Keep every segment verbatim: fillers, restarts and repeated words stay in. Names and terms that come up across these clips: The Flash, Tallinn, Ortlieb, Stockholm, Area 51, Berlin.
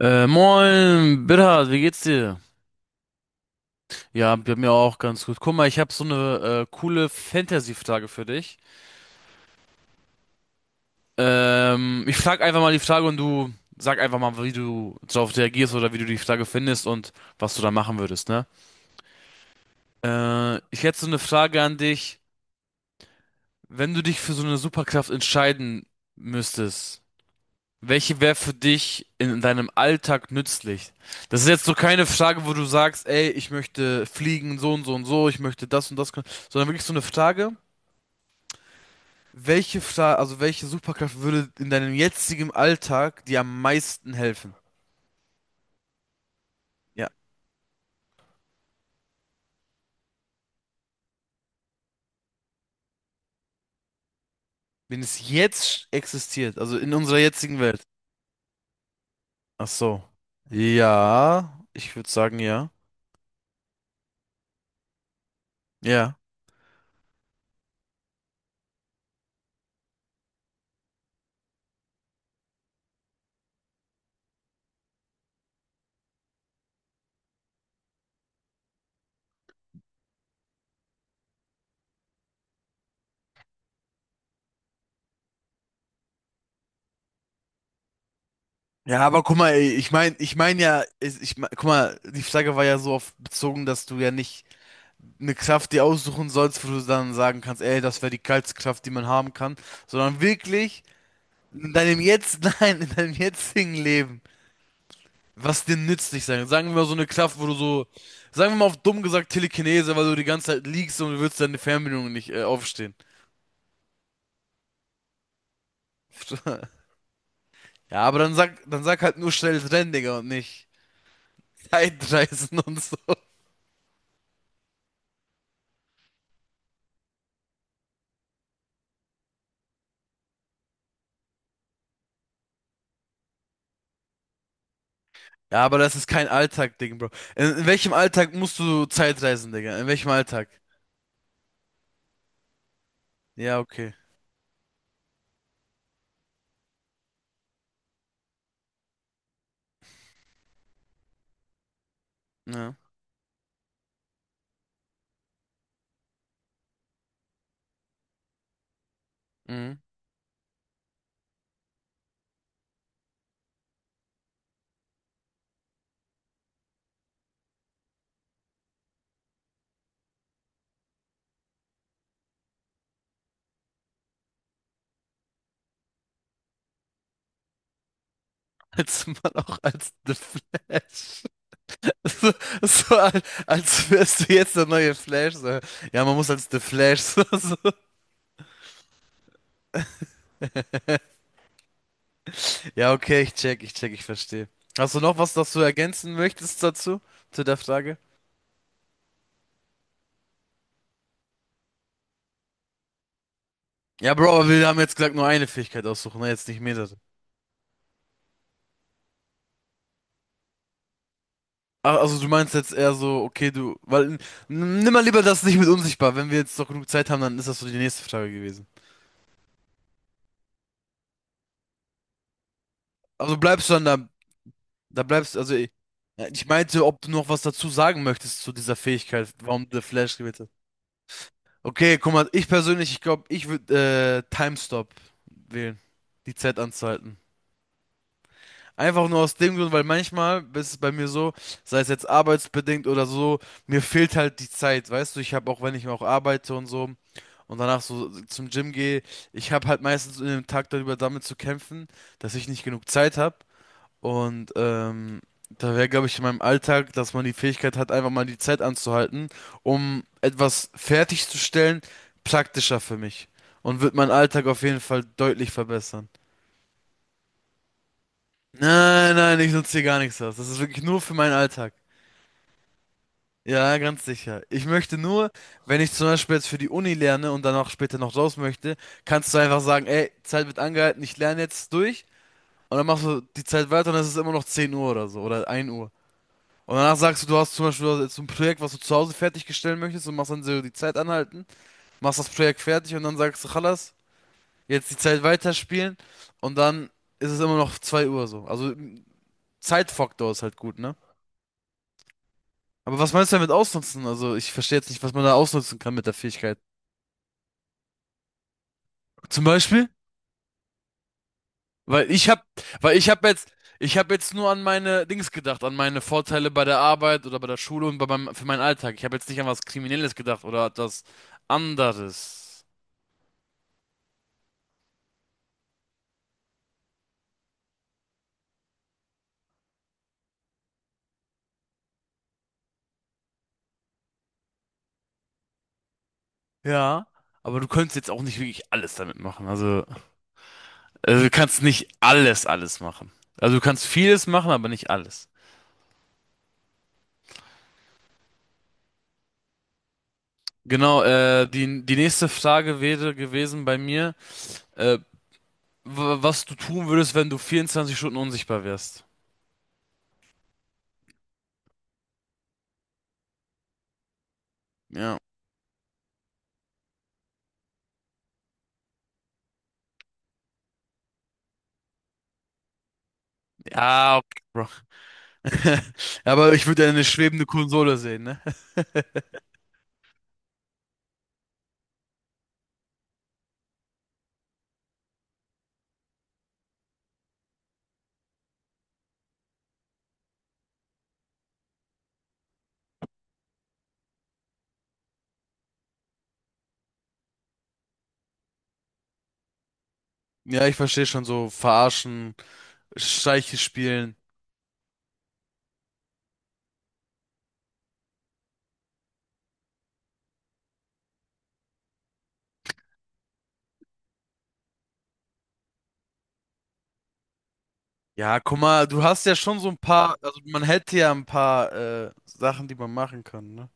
Äh, moin, Bitter, wie geht's dir? Ja, bei mir auch ganz gut. Guck mal, ich habe so eine äh, coole Fantasy-Frage für dich. Ähm, ich frag einfach mal die Frage und du sag einfach mal, wie du darauf reagierst oder wie du die Frage findest und was du da machen würdest, ne? Äh, ich hätte so eine Frage an dich. Wenn du dich für so eine Superkraft entscheiden müsstest, welche wäre für dich in deinem Alltag nützlich? Das ist jetzt so keine Frage, wo du sagst, ey, ich möchte fliegen, so und so und so, ich möchte das und das können, sondern wirklich so eine Frage, welche Fra also welche Superkraft würde in deinem jetzigen Alltag dir am meisten helfen? Ja, wenn es jetzt existiert, also in unserer jetzigen Welt. Ach so. Ja, ich würde sagen, ja. Ja. Ja, aber guck mal, ey, ich meine, ich meine ja, ich, ich mein, guck mal, die Frage war ja so oft bezogen, dass du ja nicht eine Kraft dir aussuchen sollst, wo du dann sagen kannst, ey, das wäre die geilste Kraft, die man haben kann, sondern wirklich in deinem jetzt, nein, in deinem jetzigen Leben, was dir nützlich sein kann. Sagen wir mal so eine Kraft, wo du so, sagen wir mal auf dumm gesagt Telekinese, weil du die ganze Zeit liegst und du willst deine Fernbedienung nicht äh, aufstehen. Ja, aber dann sag, dann sag halt nur schnell rennen, Digga, und nicht Zeitreisen und so. Ja, aber das ist kein Alltag-Ding, Bro. In, in welchem Alltag musst du Zeitreisen, Digga? In welchem Alltag? Ja, okay. Ja. Mhm. Als Mann auch als The Flash. So, so als, als wärst du jetzt der neue Flash. So. Ja, man muss als The Flash. So, so. Ja, okay, ich check, ich check, ich verstehe. Hast du noch was, das du ergänzen möchtest dazu? Zu der Frage? Ja, Bro, aber wir haben jetzt gesagt, nur eine Fähigkeit aussuchen, ne? Jetzt nicht mehrere. Ach, also du meinst jetzt eher so, okay, du, weil, n- nimm mal lieber das nicht mit unsichtbar. Wenn wir jetzt noch genug Zeit haben, dann ist das so die nächste Frage gewesen. Also bleibst du dann der Da bleibst du, also ich, ich meinte, ob du noch was dazu sagen möchtest zu dieser Fähigkeit, warum der Flash gewählt hat. Okay, guck mal, ich persönlich, ich glaube, ich würde äh, Time Stop wählen, die Zeit anzuhalten. Einfach nur aus dem Grund, weil manchmal ist es bei mir so, sei es jetzt arbeitsbedingt oder so, mir fehlt halt die Zeit, weißt du, ich habe auch, wenn ich auch arbeite und so und danach so zum Gym gehe, ich habe halt meistens in dem Tag darüber damit zu kämpfen, dass ich nicht genug Zeit habe. Und ähm, da wäre, glaube ich, in meinem Alltag, dass man die Fähigkeit hat, einfach mal die Zeit anzuhalten, um etwas fertigzustellen, praktischer für mich. Und wird meinen Alltag auf jeden Fall deutlich verbessern. Nein, nein, ich nutze hier gar nichts aus. Das ist wirklich nur für meinen Alltag. Ja, ganz sicher. Ich möchte nur, wenn ich zum Beispiel jetzt für die Uni lerne und dann auch später noch raus möchte, kannst du einfach sagen, ey, Zeit wird angehalten, ich lerne jetzt durch. Und dann machst du die Zeit weiter und es ist immer noch zehn Uhr oder so oder ein Uhr. Und danach sagst du, du hast zum Beispiel jetzt so ein Projekt, was du zu Hause fertigstellen möchtest und machst dann so die Zeit anhalten, machst das Projekt fertig und dann sagst du, Chalas, jetzt die Zeit weiterspielen und dann ist es immer noch zwei Uhr so. Also Zeitfaktor ist halt gut, ne? Aber was meinst du damit ausnutzen? Also ich verstehe jetzt nicht, was man da ausnutzen kann mit der Fähigkeit. Zum Beispiel, weil ich hab, weil ich hab jetzt, ich hab jetzt nur an meine Dings gedacht, an meine Vorteile bei der Arbeit oder bei der Schule und bei meinem, für meinen Alltag. Ich habe jetzt nicht an was Kriminelles gedacht oder etwas anderes. Ja, aber du könntest jetzt auch nicht wirklich alles damit machen. Also, also du kannst nicht alles, alles machen. Also du kannst vieles machen, aber nicht alles. Genau, äh, die, die nächste Frage wäre gewesen bei mir, äh, w- was du tun würdest, wenn du vierundzwanzig Stunden unsichtbar wärst. Ja. Ja, okay, Bro. Aber ich würde ja eine schwebende Konsole sehen, ne? Ja, ich verstehe schon so, verarschen, Streiche spielen. Ja, guck mal, du hast ja schon so ein paar, also man hätte ja ein paar äh, Sachen, die man machen kann, ne?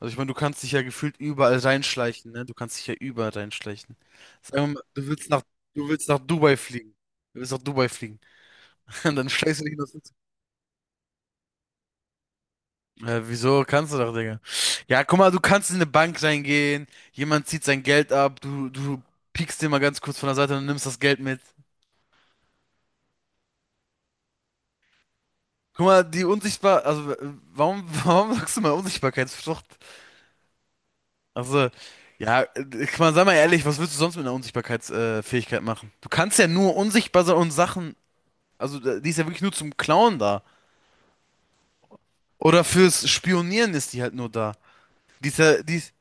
Also ich meine, du kannst dich ja gefühlt überall reinschleichen, ne? Du kannst dich ja überall reinschleichen. Sagen wir mal, du willst nach, du willst nach Dubai fliegen. Du willst nach Dubai fliegen. Und dann schleichst du dich nach äh, wieso kannst du doch, Digga? Ja, guck mal, du kannst in eine Bank reingehen, jemand zieht sein Geld ab, du, du piekst den mal ganz kurz von der Seite und nimmst das Geld mit. Guck mal, die unsichtbar, also äh, warum, warum sagst du mal Unsichtbarkeitsflucht? Also, ja, äh, ich meine, sei mal ehrlich, was willst du sonst mit einer Unsichtbarkeitsfähigkeit äh, Fähigkeit machen? Du kannst ja nur unsichtbar sein und Sachen, also da- die ist ja wirklich nur zum Klauen da. Oder fürs Spionieren ist die halt nur da. Die ist ja, die ist,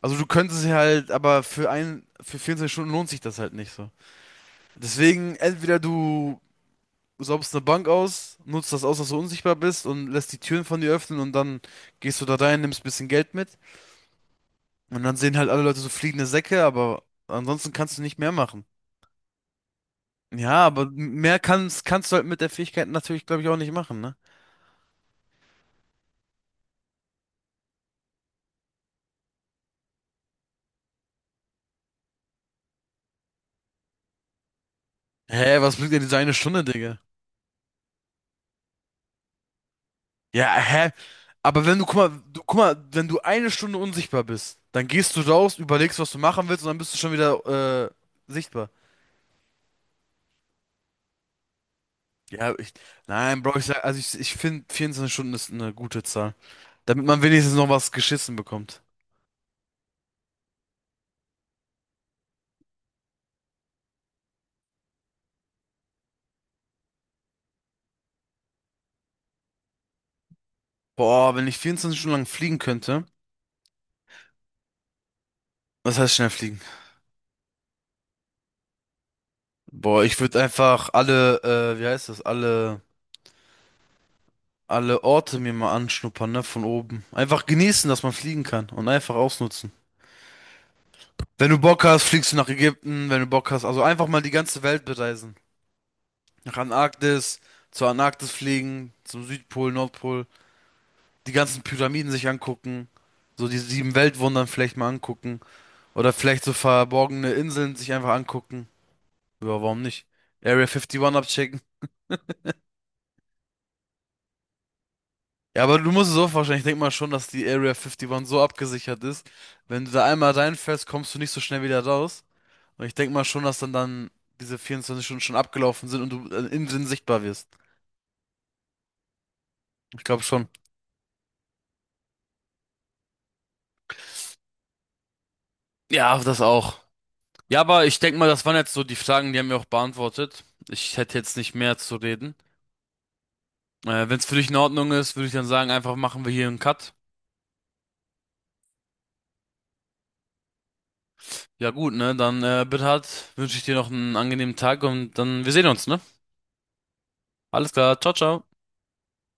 also du könntest sie halt, aber für ein, für vierundzwanzig Stunden lohnt sich das halt nicht so. Deswegen, entweder du saubst eine Bank aus, nutzt das aus, dass du unsichtbar bist und lässt die Türen von dir öffnen und dann gehst du da rein, nimmst ein bisschen Geld mit und dann sehen halt alle Leute so fliegende Säcke, aber ansonsten kannst du nicht mehr machen. Ja, aber mehr kannst, kannst du halt mit der Fähigkeit natürlich, glaube ich, auch nicht machen, ne? Hä, was bringt dir diese eine Stunde, Digga? Ja, hä? Aber wenn du, guck mal, du, guck mal, wenn du eine Stunde unsichtbar bist, dann gehst du raus, überlegst, was du machen willst und dann bist du schon wieder, äh, sichtbar. Ja, ich, nein, Bro, ich sag, also ich, ich finde vierundzwanzig Stunden ist eine gute Zahl. Damit man wenigstens noch was geschissen bekommt. Boah, wenn ich vierundzwanzig Stunden lang fliegen könnte, was heißt schnell fliegen? Boah, ich würde einfach alle, äh, wie heißt das, alle alle Orte mir mal anschnuppern, ne, von oben. Einfach genießen, dass man fliegen kann und einfach ausnutzen. Wenn du Bock hast, fliegst du nach Ägypten, wenn du Bock hast. Also einfach mal die ganze Welt bereisen. Nach Antarktis, zur Antarktis fliegen, zum Südpol, Nordpol. Die ganzen Pyramiden sich angucken. So die sieben Weltwundern vielleicht mal angucken. Oder vielleicht so verborgene Inseln sich einfach angucken. Ja, warum nicht? Area einundfünfzig abchecken. Ja, aber du musst es so vorstellen. Ich denke mal schon, dass die Area einundfünfzig so abgesichert ist. Wenn du da einmal reinfällst, kommst du nicht so schnell wieder raus. Und ich denke mal schon, dass dann dann diese vierundzwanzig Stunden schon abgelaufen sind und du äh, innen drin sichtbar wirst. Ich glaube schon. Ja, das auch. Ja, aber ich denke mal, das waren jetzt so die Fragen, die haben wir auch beantwortet. Ich hätte jetzt nicht mehr zu reden. Äh, wenn es für dich in Ordnung ist, würde ich dann sagen, einfach machen wir hier einen Cut. Ja gut, ne? Dann, äh, Bernhard, wünsche ich dir noch einen angenehmen Tag und dann wir sehen uns, ne? Alles klar, ciao, ciao.